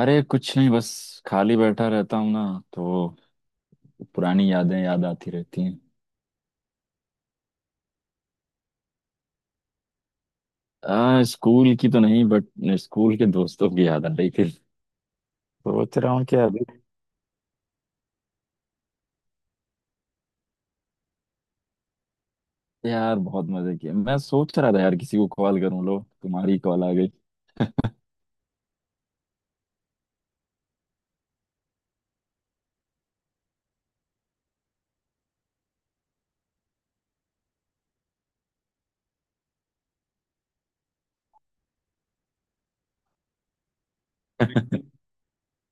अरे कुछ नहीं, बस खाली बैठा रहता हूँ ना, तो पुरानी यादें याद आती रहती हैं। स्कूल की तो नहीं बट स्कूल के दोस्तों की याद आ रही थी। सोच रहा हूँ कि अभी यार बहुत मजे किए। मैं सोच रहा था यार किसी को कॉल करूँ, लो तुम्हारी कॉल आ गई।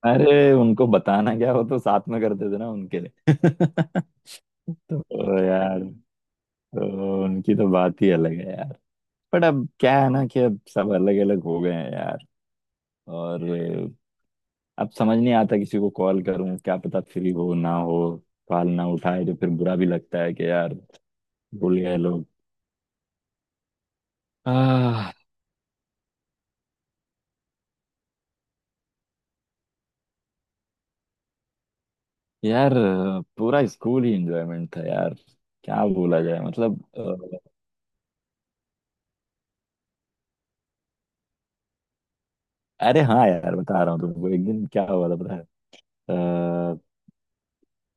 अरे उनको बताना क्या, वो तो साथ में करते थे ना उनके लिए। तो यार, तो उनकी तो बात ही अलग है यार। बट अब क्या है ना, कि अब सब अलग अलग हो गए हैं यार। और अब समझ नहीं आता किसी को कॉल करूं, क्या पता फ्री हो ना हो। कॉल ना उठाए तो फिर बुरा भी लगता है कि यार, भूल गए लोग। आह यार पूरा स्कूल ही एंजॉयमेंट था यार। क्या बोला जाए मतलब अरे हाँ यार, बता रहा हूँ तुमको। एक दिन क्या हुआ था पता है?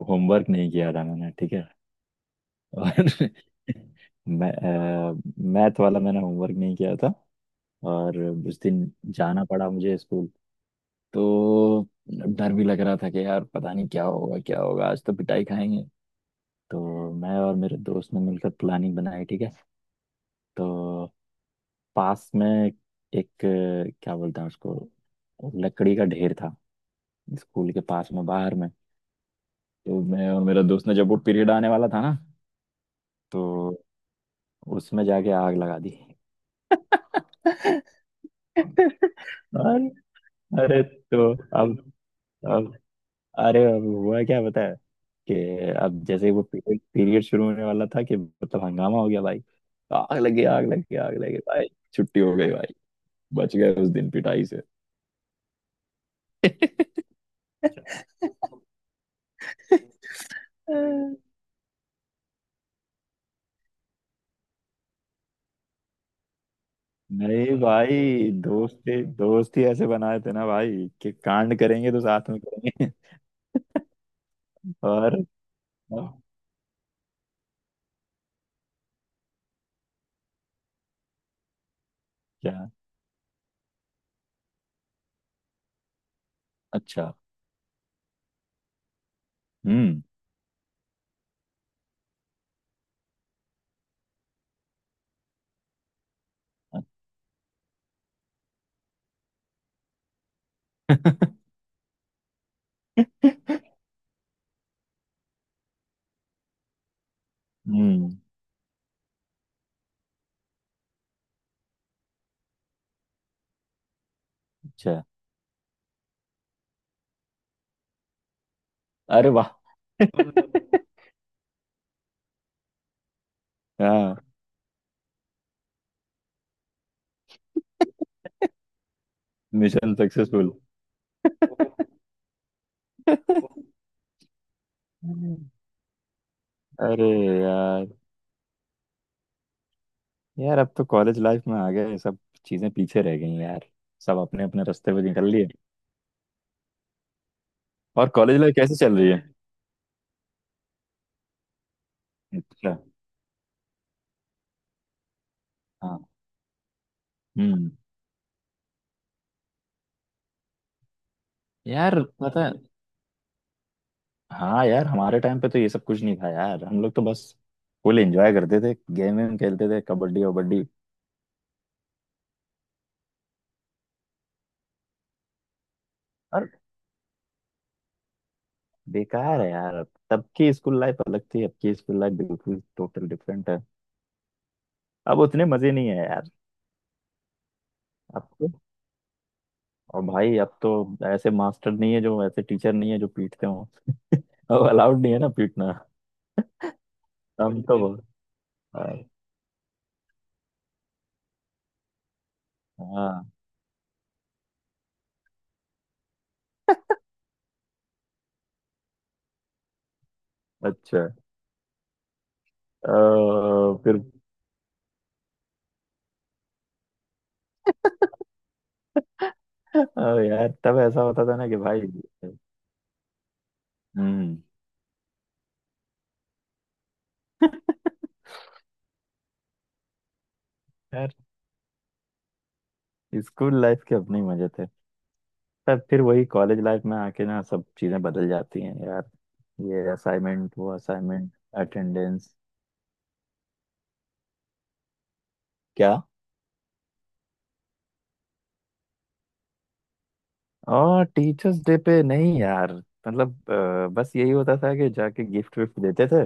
होमवर्क नहीं किया था मैंने, ठीक है। और मैथ वाला मैंने होमवर्क नहीं किया था। और उस दिन जाना पड़ा मुझे स्कूल। तो डर भी लग रहा था कि यार पता नहीं क्या होगा क्या होगा, आज तो पिटाई खाएंगे। तो मैं और मेरे दोस्त ने मिलकर प्लानिंग बनाई, ठीक है। तो पास में एक, क्या बोलते हैं उसको, लकड़ी का ढेर था, स्कूल के पास में बाहर में। तो मैं और मेरा दोस्त ने, जब वो पीरियड आने वाला था ना, तो उसमें जाके आग लगा दी। और अरे, तो अब अब अब हुआ क्या पता है कि, अब जैसे ही वो पीरियड पीरियड शुरू होने वाला था कि मतलब हंगामा हो गया भाई। आग लगी, आग लगी, आग लगी भाई! छुट्टी हो गई भाई, बच गए उस दिन पिटाई से। नहीं भाई, दोस्त ही ऐसे बनाए थे ना भाई, कि कांड करेंगे तो साथ में करेंगे। और और। क्या? अच्छा। हम्म। हम्म। अच्छा। अरे वाह! हाँ। Mission successful. अरे यार, अब तो कॉलेज लाइफ में आ गए। सब चीजें पीछे रह गई यार। सब अपने अपने रास्ते पे निकल लिए। और कॉलेज लाइफ कैसे चल रही है? अच्छा। हाँ। हम्म। यार पता है। हाँ यार, हमारे टाइम पे तो ये सब कुछ नहीं था यार। हम लोग तो बस फुल एंजॉय करते थे, गेम वेम खेलते थे, कबड्डी वबड्डी। और बेकार है यार। अब तब की स्कूल लाइफ अलग थी, अब की स्कूल लाइफ बिल्कुल टोटल डिफरेंट है। अब उतने मजे नहीं है। आपको और भाई, अब तो ऐसे मास्टर नहीं है जो, ऐसे टीचर नहीं है जो पीटते हो। अब अलाउड नहीं है ना पीटना। हम तो बिल्कुल। हाँ। हाँ, अच्छा। फिर, अ, यार तब ऐसा होता था ना कि भाई। हम्म। यार स्कूल लाइफ के अपने ही मजे थे। तब फिर वही कॉलेज लाइफ में आके ना सब चीजें बदल जाती हैं यार। ये असाइनमेंट, वो असाइनमेंट, अटेंडेंस। क्या? और टीचर्स डे पे नहीं यार, मतलब बस यही होता था कि जाके गिफ्ट विफ्ट देते थे।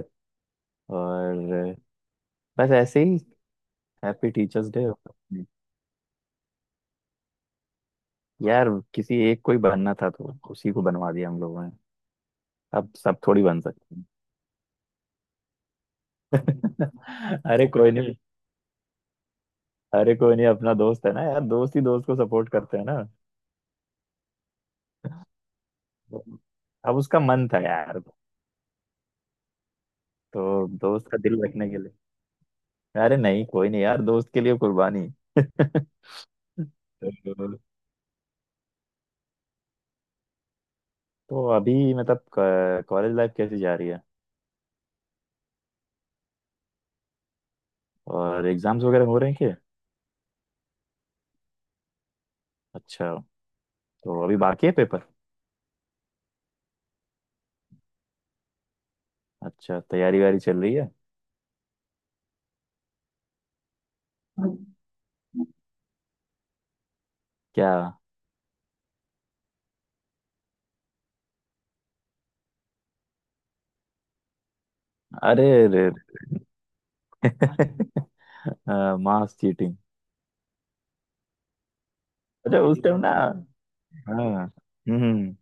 और बस ऐसे ही। Happy teachers day. यार किसी एक को ही बनना था, तो उसी को बनवा दिया हम लोगों ने। अब सब थोड़ी बन सकते हैं। अरे कोई नहीं। अरे कोई नहीं, अपना दोस्त है ना यार, दोस्त ही दोस्त को सपोर्ट करते हैं ना। अब उसका मन था यार, तो दोस्त का दिल रखने के लिए। अरे नहीं कोई नहीं यार, दोस्त के लिए कुर्बानी। तो तो अभी मतलब, कॉलेज लाइफ कैसी जा रही है? और एग्जाम्स वगैरह हो रहे हैं क्या? अच्छा। तो अभी बाकी है पेपर। अच्छा तैयारी वारी चल रही है। क्या? अरे रे! मास चीटिंग! अच्छा उस टाइम ना। हाँ। हम्म।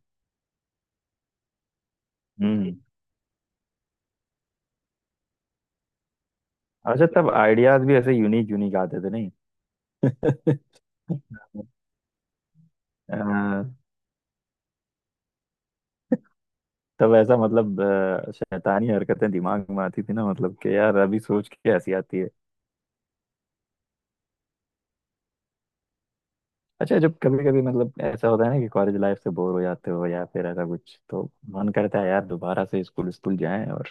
हम्म। अच्छा तब आइडियाज भी ऐसे यूनिक यूनिक आते थे नहीं? अ, तब ऐसा मतलब शैतानी हरकतें दिमाग में आती थी ना, मतलब कि यार अभी सोच के ऐसी आती है। अच्छा, जब कभी कभी मतलब ऐसा होता है ना कि कॉलेज लाइफ से बोर हो जाते हो या फिर ऐसा कुछ, तो मन करता है यार दोबारा से स्कूल स्कूल जाएं, और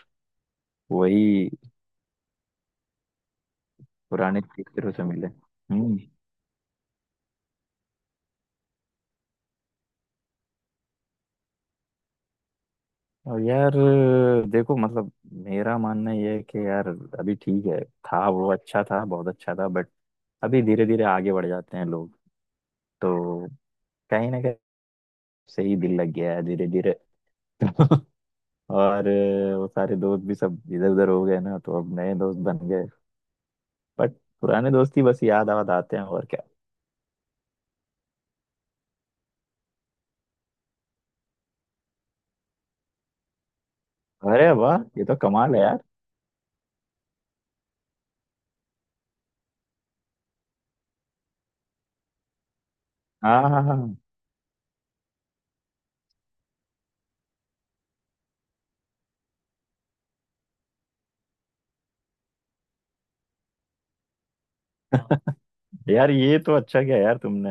वही पुराने टीचरों से मिले। हम्म। और यार देखो, मतलब मेरा मानना ये है कि यार, अभी ठीक है। था वो अच्छा था, बहुत अच्छा था, बट अभी धीरे धीरे आगे बढ़ जाते हैं लोग। तो कहीं ना कहीं से ही दिल लग गया है धीरे धीरे। और वो सारे दोस्त भी सब इधर उधर हो गए ना, तो अब नए दोस्त बन गए। बट पुराने दोस्ती बस याद आवाद आते हैं, और क्या। अरे वाह! ये तो कमाल है यार। हाँ हाँ हाँ हाँ। यार ये तो अच्छा किया यार तुमने,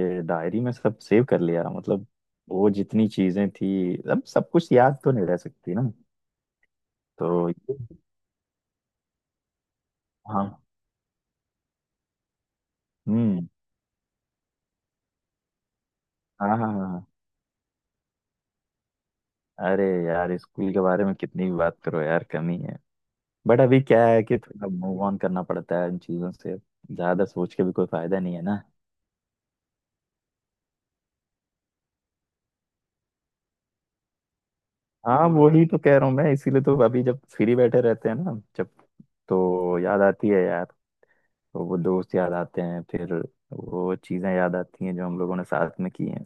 ये डायरी में सब सेव कर लिया मतलब। वो जितनी चीजें थी, अब सब कुछ याद तो नहीं रह सकती ना। तो ये- हाँ। हम्म। हाँ हाँ हाँ हाँ। अरे यार, स्कूल के बारे में कितनी भी बात करो यार, कमी है। बट अभी क्या है कि थोड़ा मूव ऑन करना पड़ता है इन चीजों से। ज्यादा सोच के भी कोई फायदा नहीं है ना। हाँ वही तो कह रहा हूँ मैं, इसीलिए तो अभी जब फ्री बैठे रहते हैं ना जब, तो याद आती है यार। तो वो दोस्त याद आते हैं फिर। वो चीजें याद आती हैं जो हम लोगों ने साथ में की हैं।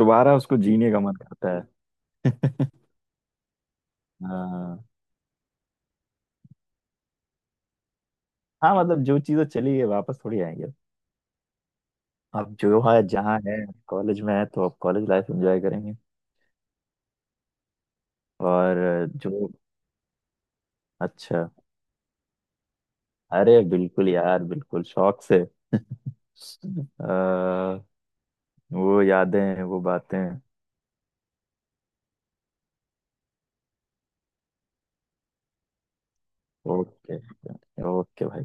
दोबारा उसको जीने का मन करता है। हाँ। हाँ मतलब जो चीजें चली गई वापस थोड़ी आएंगे। अब जो है जहाँ है, कॉलेज में है तो अब कॉलेज लाइफ एंजॉय करेंगे। और जो। अच्छा। अरे बिल्कुल यार, बिल्कुल शौक से। अ, वो यादें, वो बातें। ओके। ओके भाई।